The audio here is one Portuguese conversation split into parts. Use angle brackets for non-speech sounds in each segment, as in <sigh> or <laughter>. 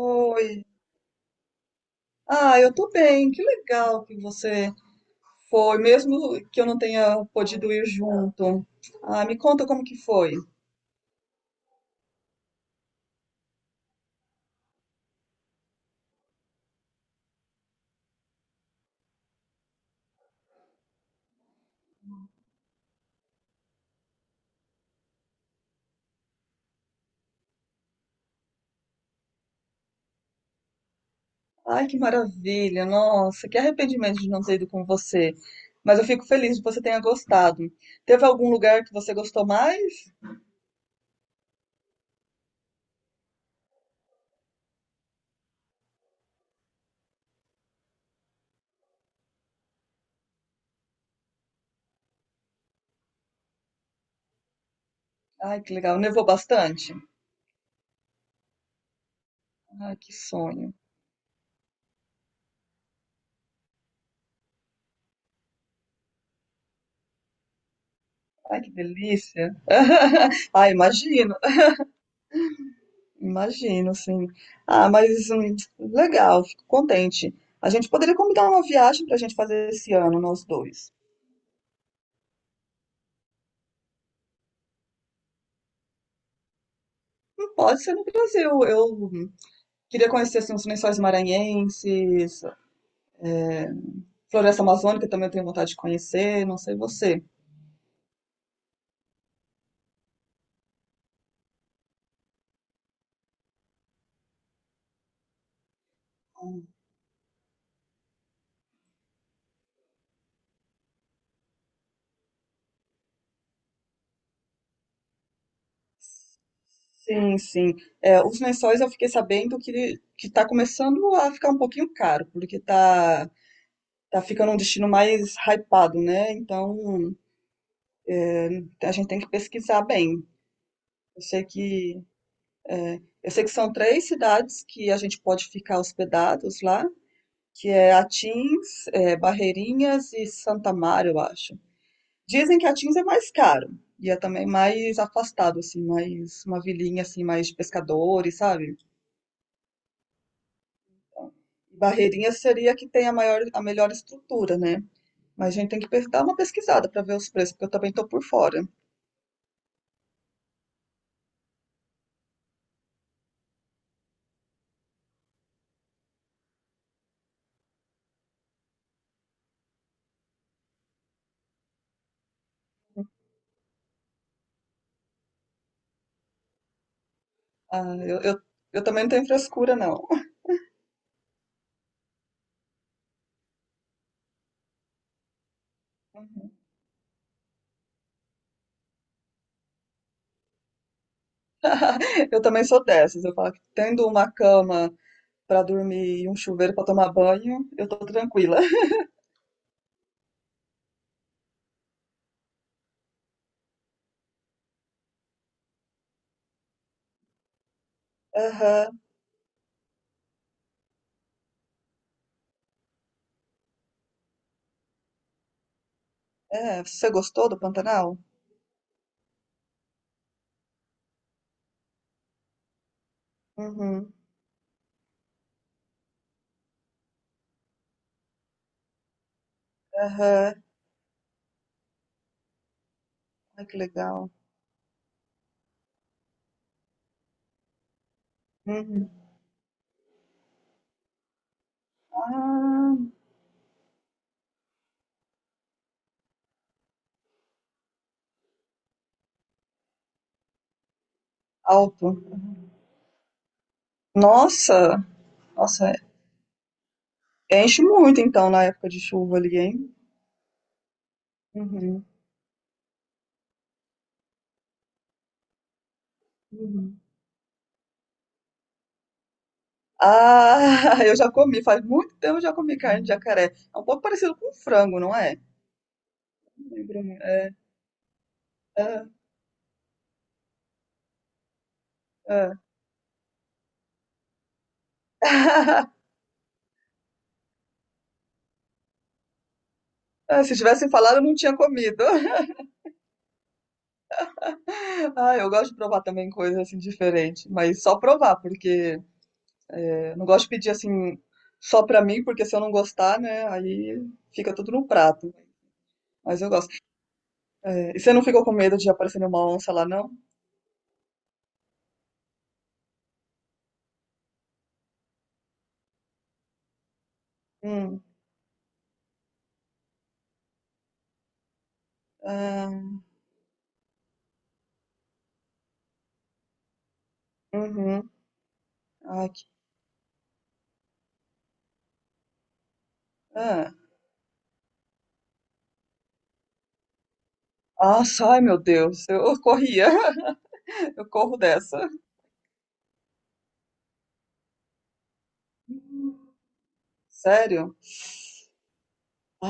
Oi. Ah, eu tô bem. Que legal que você foi, mesmo que eu não tenha podido ir junto. Ah, me conta como que foi. Ai, que maravilha. Nossa, que arrependimento de não ter ido com você. Mas eu fico feliz que você tenha gostado. Teve algum lugar que você gostou mais? Ai, que legal. Nevou bastante? Ai, que sonho. Ai, que delícia. <laughs> Ah, imagina. Imagino, sim. Ah, mas legal, fico contente. A gente poderia combinar uma viagem para a gente fazer esse ano, nós dois. Não pode ser no Brasil. Eu queria conhecer assim, os Lençóis Maranhenses, Floresta Amazônica também eu tenho vontade de conhecer, não sei você. Sim, sim. É, os lençóis eu fiquei sabendo que está começando a ficar um pouquinho caro, porque tá, tá ficando um destino mais hypado, né? Então a gente tem que pesquisar bem. Eu sei que Eu sei que são três cidades que a gente pode ficar hospedados lá, que é Atins, Barreirinhas e Santa Mário, eu acho. Dizem que Atins é mais caro e é também mais afastado, assim, mais uma vilinha assim, mais de pescadores, sabe? Barreirinhas seria que tem a maior, a melhor estrutura, né? Mas a gente tem que dar uma pesquisada para ver os preços, porque eu também tô por fora. Ah, eu também não tenho frescura, não. <laughs> Eu também sou dessas. Eu falo que tendo uma cama para dormir e um chuveiro para tomar banho, eu tô tranquila. <laughs> Aham. É, você gostou do Pantanal? Uhum. Aham. Ai, que legal. Uhum. Ah, alto. Nossa, nossa, enche muito então na época de chuva ali, hein? Uhum. Uhum. Ah, <laughs> eu já comi, faz muito tempo eu já comi carne de jacaré. É um pouco parecido com frango, não é? Não lembro muito. É, é, é. <laughs> Ah, se tivessem falado, eu não tinha comido. Ah, eu gosto de provar também coisas assim diferente, mas só provar, porque eu não gosto de pedir assim só pra mim, porque se eu não gostar, né, aí fica tudo no prato. Mas eu gosto. É, e você não ficou com medo de aparecer nenhuma onça lá, não? Hum. Ah, uhum. Ai, que... ah. Nossa, ai meu Deus, eu corria, <laughs> eu corro dessa. Sério?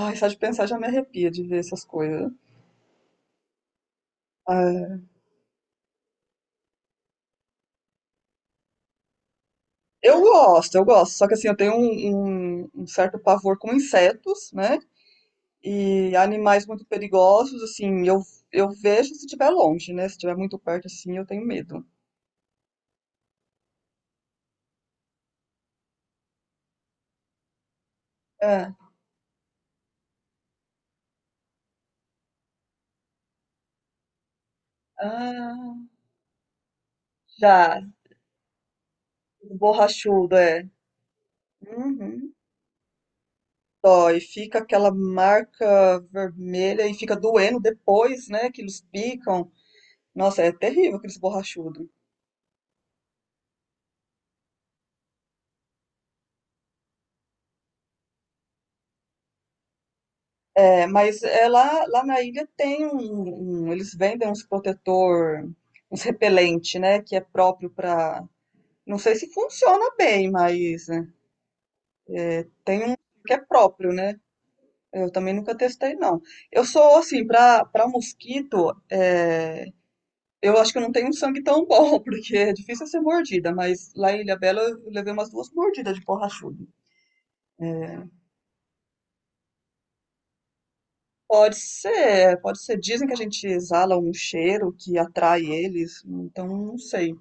Ai, só de pensar já me arrepia de ver essas coisas. Ah, eu gosto, eu gosto. Só que assim, eu tenho um certo pavor com insetos, né? E animais muito perigosos, assim, eu vejo se estiver longe, né? Se estiver muito perto, assim, eu tenho medo. É. Ah, já. Borrachudo, é. Uhum. Dói, fica aquela marca vermelha e fica doendo depois, né? Que eles picam. Nossa, é terrível aqueles borrachudos. É, mas é lá, lá na ilha tem eles vendem uns protetor, uns repelente, né? Que é próprio pra. Não sei se funciona bem, mas. Né? Tem um que é próprio, né? Eu também nunca testei, não. Eu sou, assim, pra mosquito, é, eu acho que eu não tenho um sangue tão bom, <laughs> porque é difícil ser mordida, mas lá em Ilhabela eu levei umas duas mordidas de borrachudo. Pode ser, pode ser. Dizem que a gente exala um cheiro que atrai eles, então não sei,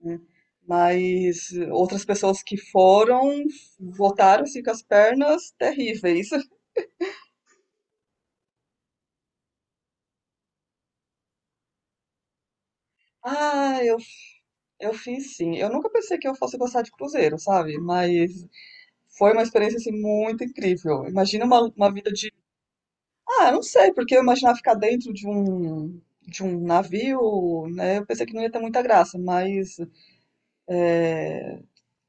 né? Mas outras pessoas que foram, voltaram assim, com as pernas terríveis. <laughs> Ah, eu fiz sim. Eu nunca pensei que eu fosse gostar de cruzeiro, sabe? Mas foi uma experiência assim muito incrível. Imagina uma vida de. Ah, eu não sei, porque eu imaginava ficar dentro de um navio, né? Eu pensei que não ia ter muita graça, mas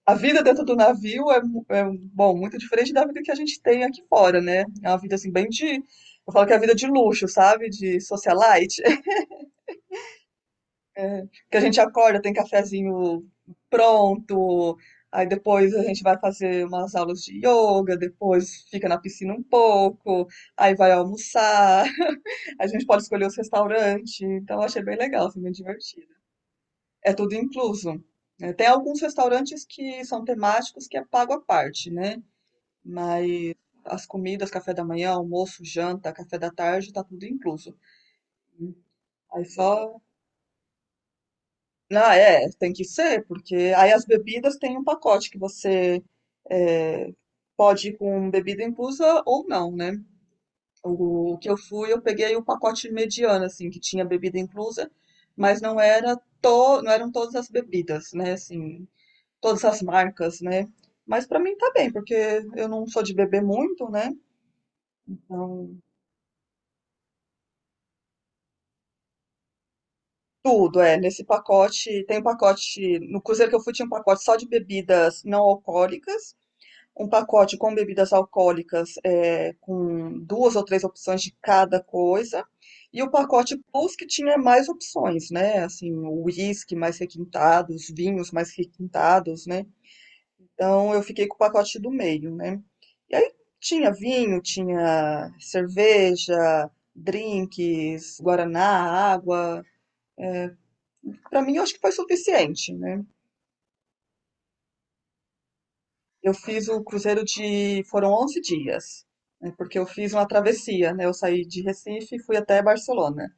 a vida dentro do navio é, é bom, muito diferente da vida que a gente tem aqui fora, né? É uma vida assim bem de. Eu falo que é a vida de luxo, sabe? De socialite. Que a gente acorda, tem cafezinho pronto, aí depois a gente vai fazer umas aulas de yoga, depois fica na piscina um pouco, aí vai almoçar, <laughs> a gente pode escolher os restaurantes, então eu achei bem legal, assim, bem divertido. É tudo incluso. Né? Tem alguns restaurantes que são temáticos que é pago à parte, né? Mas as comidas, café da manhã, almoço, janta, café da tarde, tá tudo incluso. Aí só ah, é, tem que ser, porque aí as bebidas tem um pacote que você é, pode ir com bebida inclusa ou não, né? O que eu fui, eu peguei o pacote mediano, assim, que tinha bebida inclusa, mas não eram todas as bebidas, né? Assim, todas as marcas, né? Mas pra mim tá bem, porque eu não sou de beber muito, né? Então, tudo, é, nesse pacote, tem um pacote, no cruzeiro que eu fui tinha um pacote só de bebidas não alcoólicas, um pacote com bebidas alcoólicas, com duas ou três opções de cada coisa, e o pacote plus que tinha mais opções, né? Assim, o uísque mais requintado, os vinhos mais requintados, né? Então eu fiquei com o pacote do meio, né? E aí tinha vinho, tinha cerveja, drinks, guaraná, água. Para mim, eu acho que foi suficiente, né? Eu fiz o cruzeiro de. Foram 11 dias, né, porque eu fiz uma travessia, né? Eu saí de Recife e fui até Barcelona.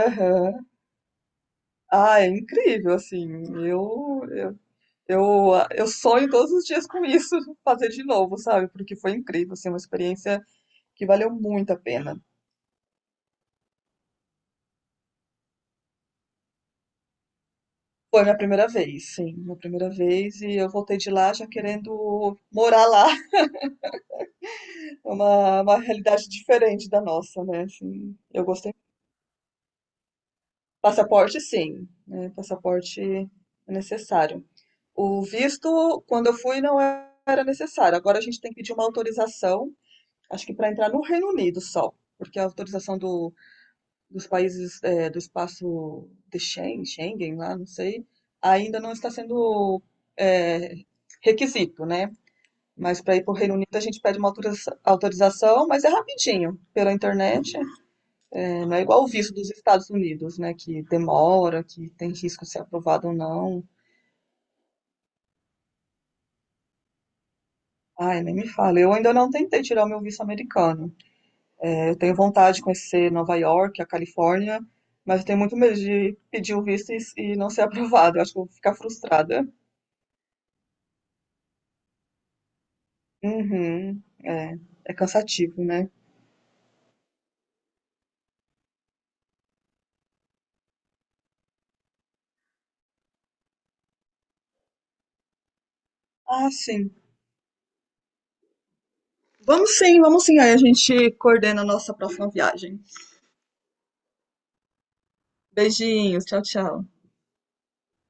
Aham. Ah, é incrível, assim. Eu, eu, eu sonho todos os dias com isso, <laughs> fazer de novo, sabe? Porque foi incrível, assim, uma experiência que valeu muito a pena. Foi minha primeira vez, sim, minha primeira vez, e eu voltei de lá já querendo morar lá. <laughs> É uma realidade diferente da nossa, né? Assim, eu gostei. Passaporte, sim, né, passaporte é necessário. O visto, quando eu fui, não era necessário. Agora a gente tem que pedir uma autorização, acho que para entrar no Reino Unido só, porque a autorização dos países é, do espaço de Schengen, Schengen lá, não sei, ainda não está sendo é, requisito, né? Mas para ir para o Reino Unido a gente pede uma autorização, mas é rapidinho, pela internet, não é igual o visto dos Estados Unidos, né? Que demora, que tem risco de ser aprovado ou não. Ai, nem me fala. Eu ainda não tentei tirar o meu visto americano. É, eu tenho vontade de conhecer Nova York, a Califórnia, mas eu tenho muito medo de pedir o visto e não ser <laughs> aprovado. Eu acho que eu vou ficar frustrada. Uhum, é, é cansativo, né? Ah, sim. Vamos sim, vamos sim. Aí a gente coordena a nossa próxima viagem. Beijinhos, tchau, tchau.